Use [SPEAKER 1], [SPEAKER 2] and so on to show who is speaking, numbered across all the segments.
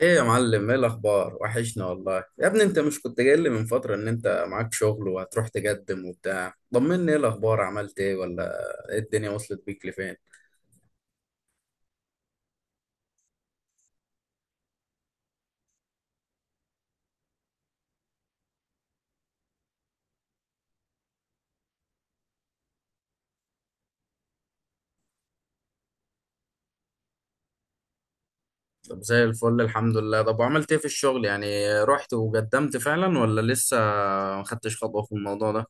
[SPEAKER 1] ايه يا معلم؟ ايه الاخبار؟ وحشنا والله يا ابني. انت مش كنت جاي لي من فتره ان انت معاك شغل وهتروح تقدم وبتاع؟ طمني، ايه الاخبار؟ عملت ايه ولا ايه؟ الدنيا وصلت بيك لفين؟ طب زي الفل، الحمد لله. طب وعملت ايه في الشغل يعني؟ رحت وقدمت فعلا ولا لسه ما خدتش خطوه في الموضوع ده؟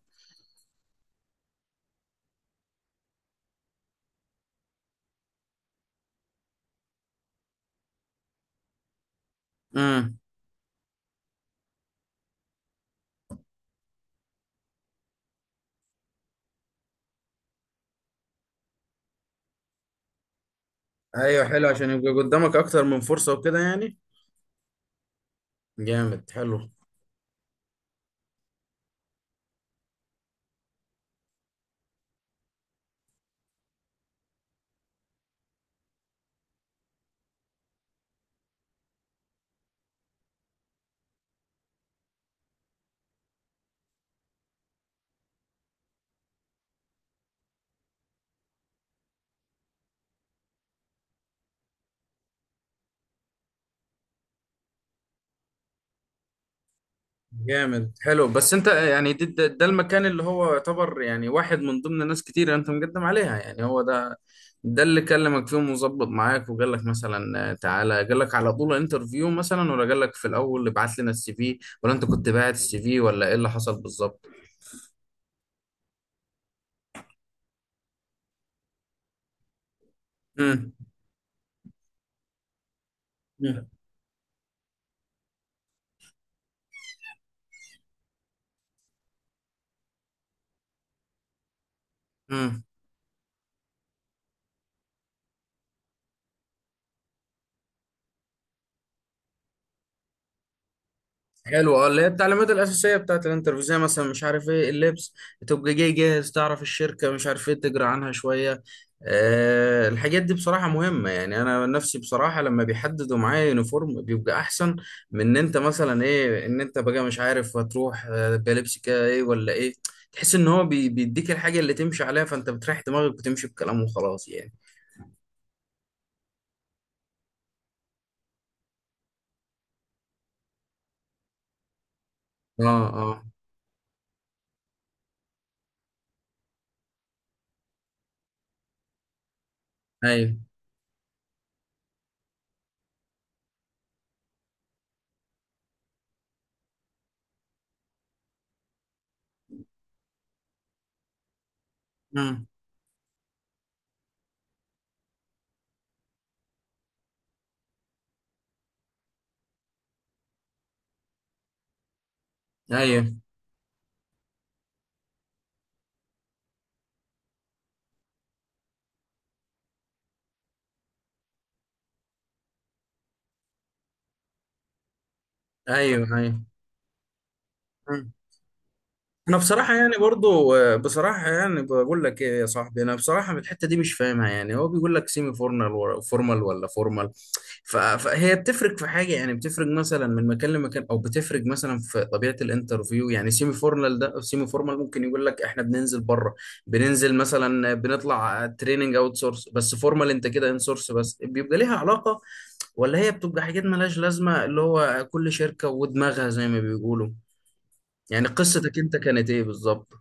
[SPEAKER 1] امم. ايوه، حلو، عشان يبقى قدامك اكتر من فرصه وكده يعني. جامد، حلو. جامد، حلو. بس انت يعني ده المكان اللي هو يعتبر يعني واحد من ضمن ناس كتير انت مقدم عليها، يعني هو ده؟ ده اللي كلمك فيهم وظبط معاك وقال لك مثلا تعالى؟ قال لك على طول انترفيو مثلا، ولا قال لك في الاول ابعت لنا السي في، ولا انت كنت باعت السي في، ولا ايه اللي حصل بالظبط؟ امم. حلو، اه، اللي هي التعليمات الأساسية بتاعت الانترفيو، زي مثلا مش عارف ايه اللبس، تبقى جاي جاهز، تعرف الشركة، مش عارف ايه تجرى عنها شوية. أه، الحاجات دي بصراحة مهمة. يعني أنا نفسي بصراحة لما بيحددوا معايا يونيفورم بيبقى أحسن من إن أنت مثلا ايه، إن أنت بقى مش عارف هتروح بلبس كده ايه ولا ايه. تحس إن هو بيديك الحاجة اللي تمشي عليها، فأنت بتريح دماغك وتمشي بكلامه وخلاص يعني. اه، اه، ايوه، مم. ايوه، ايوه، ايوه. انا بصراحه يعني برضو بصراحه يعني بقول لك ايه يا صاحبي، انا بصراحه من الحته دي مش فاهمها. يعني هو بيقول لك سيمي فورمال فورمال ولا فورمال؟ فهي بتفرق في حاجه يعني؟ بتفرق مثلا من مكان لمكان، او بتفرق مثلا في طبيعه الانترفيو؟ يعني سيمي فورمال ده أو سيمي فورمال، ممكن يقول لك احنا بننزل بره، بننزل مثلا، بنطلع تريننج اوت سورس، بس فورمال انت كده ان سورس، بس بيبقى ليها علاقه؟ ولا هي بتبقى حاجات ملهاش لازمه، اللي هو كل شركه ودماغها زي ما بيقولوا؟ يعني قصتك انت كانت ايه بالظبط؟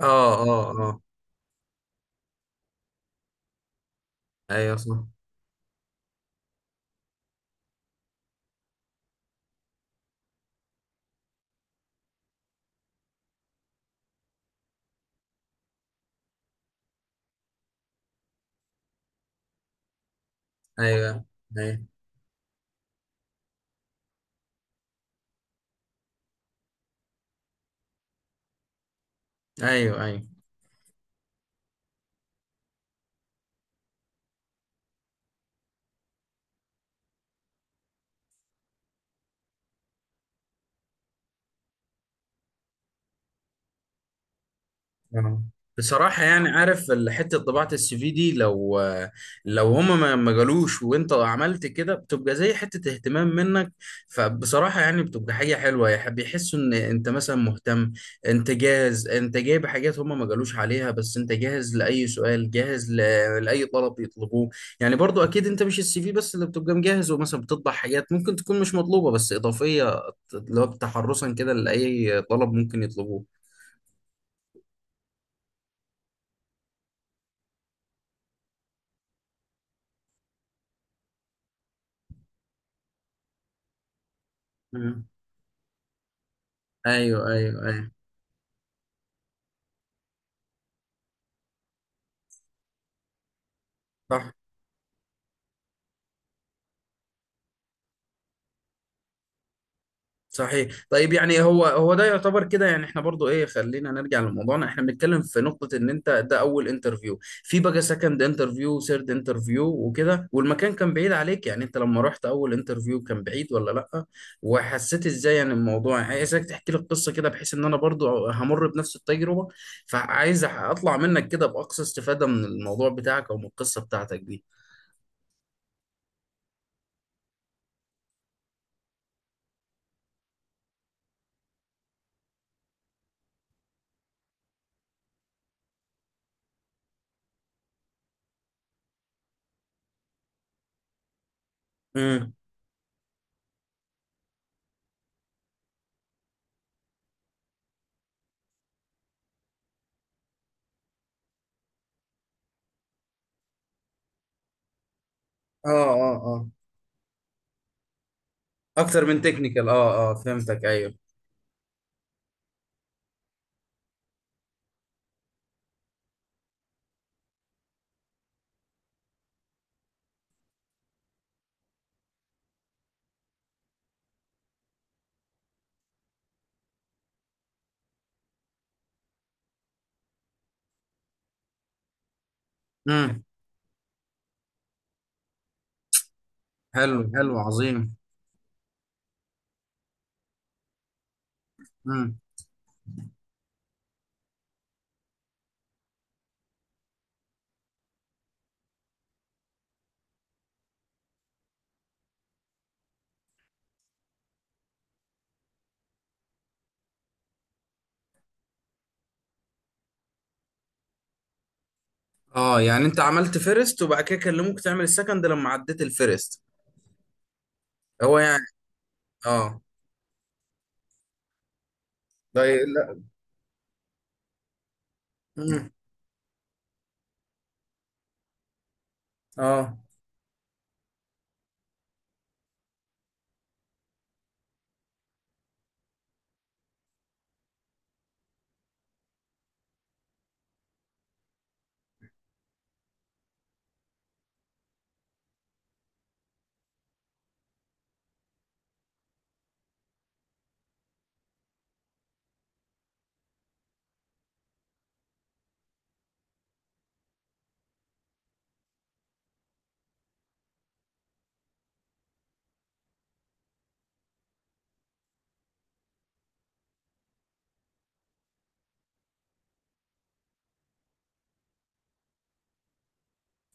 [SPEAKER 1] اه، اه، اه. ايوه، صح. ايوه، ايوه، ايوه، ايوه. آه. بصراحة يعني، عارف حتة طباعة السي في دي، لو لو هما ما جالوش وانت عملت كده، بتبقى زي حتة اهتمام منك. فبصراحة يعني بتبقى حاجة حلوة، بيحسوا ان انت مثلا مهتم، انت جاهز، انت جايب حاجات هما ما جالوش عليها، بس انت جاهز لأي سؤال، جاهز لأي طلب يطلبوه. يعني برضو اكيد انت مش السي في بس اللي بتبقى مجهز، ومثلا بتطبع حاجات ممكن تكون مش مطلوبة بس اضافية، اللي هو تحرصا كده لأي طلب ممكن يطلبوه. ايوه، ايوه، ايوه، صح. صحيح. طيب يعني هو هو ده يعتبر كده. يعني احنا برضو ايه، خلينا نرجع لموضوعنا. احنا بنتكلم في نقطة ان انت ده اول انترفيو، في بقى سكند انترفيو، ثيرد انترفيو وكده. والمكان كان بعيد عليك يعني؟ انت لما رحت اول انترفيو كان بعيد ولا لا؟ وحسيت ازاي يعني الموضوع؟ يعني عايزك تحكي لي القصة كده، بحيث ان انا برضو همر بنفس التجربة، فعايز اطلع منك كده باقصى استفادة من الموضوع بتاعك او من القصة بتاعتك دي. امم. اه، اه. اكتر من تكنيكال، اه، اه، فهمتك. ايوه. امم. حلو، حلو. عظيم. امم. اه، يعني انت عملت فيرست وبعد كده كلموك تعمل السكند لما عديت الفيرست، هو يعني؟ اه. ده لا. مم. اه.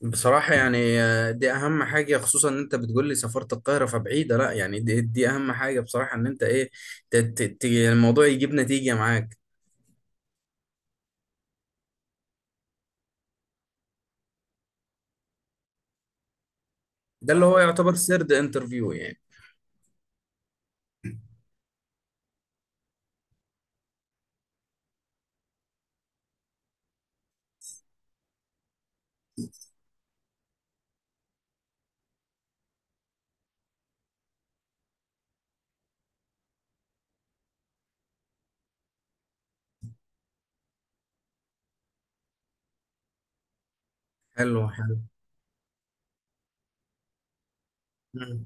[SPEAKER 1] بصراحة يعني دي أهم حاجة، خصوصا إن أنت بتقول لي سافرت القاهرة فبعيدة، لا يعني، دي أهم حاجة بصراحة، إن أنت إيه، الموضوع يجيب نتيجة معاك. ده اللي هو يعتبر سيرد انترفيو يعني؟ حلو، حلو.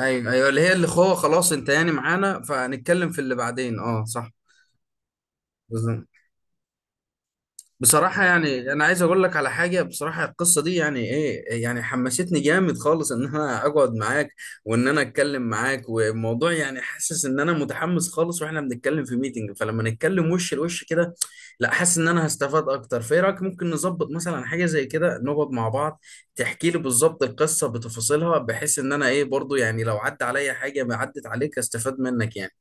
[SPEAKER 1] ايوه، ايوه، اللي هي اللي هو خلاص انت يعني معانا، فهنتكلم في اللي بعدين. اه، صح. بالظبط. بصراحة يعني أنا عايز أقول لك على حاجة، بصراحة القصة دي يعني إيه، يعني حمستني جامد خالص إن أنا أقعد معاك وإن أنا أتكلم معاك، والموضوع يعني حاسس إن أنا متحمس خالص. وإحنا بنتكلم في ميتنج، فلما نتكلم وش لوش كده، لا حاسس إن أنا هستفاد أكتر. فإيه رأيك ممكن نظبط مثلا حاجة زي كده، نقعد مع بعض، تحكي لي بالظبط القصة بتفاصيلها، بحيث إن أنا إيه، برضو يعني لو عدى عليا حاجة ما عدت عليك أستفاد منك يعني.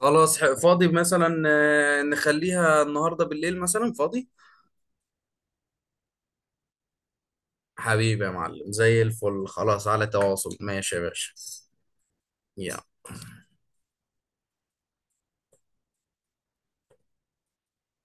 [SPEAKER 1] خلاص، فاضي مثلا نخليها النهارده بالليل مثلا، فاضي؟ حبيبي يا معلم، زي الفل. خلاص، على تواصل. ماشي يا باشا. يلا.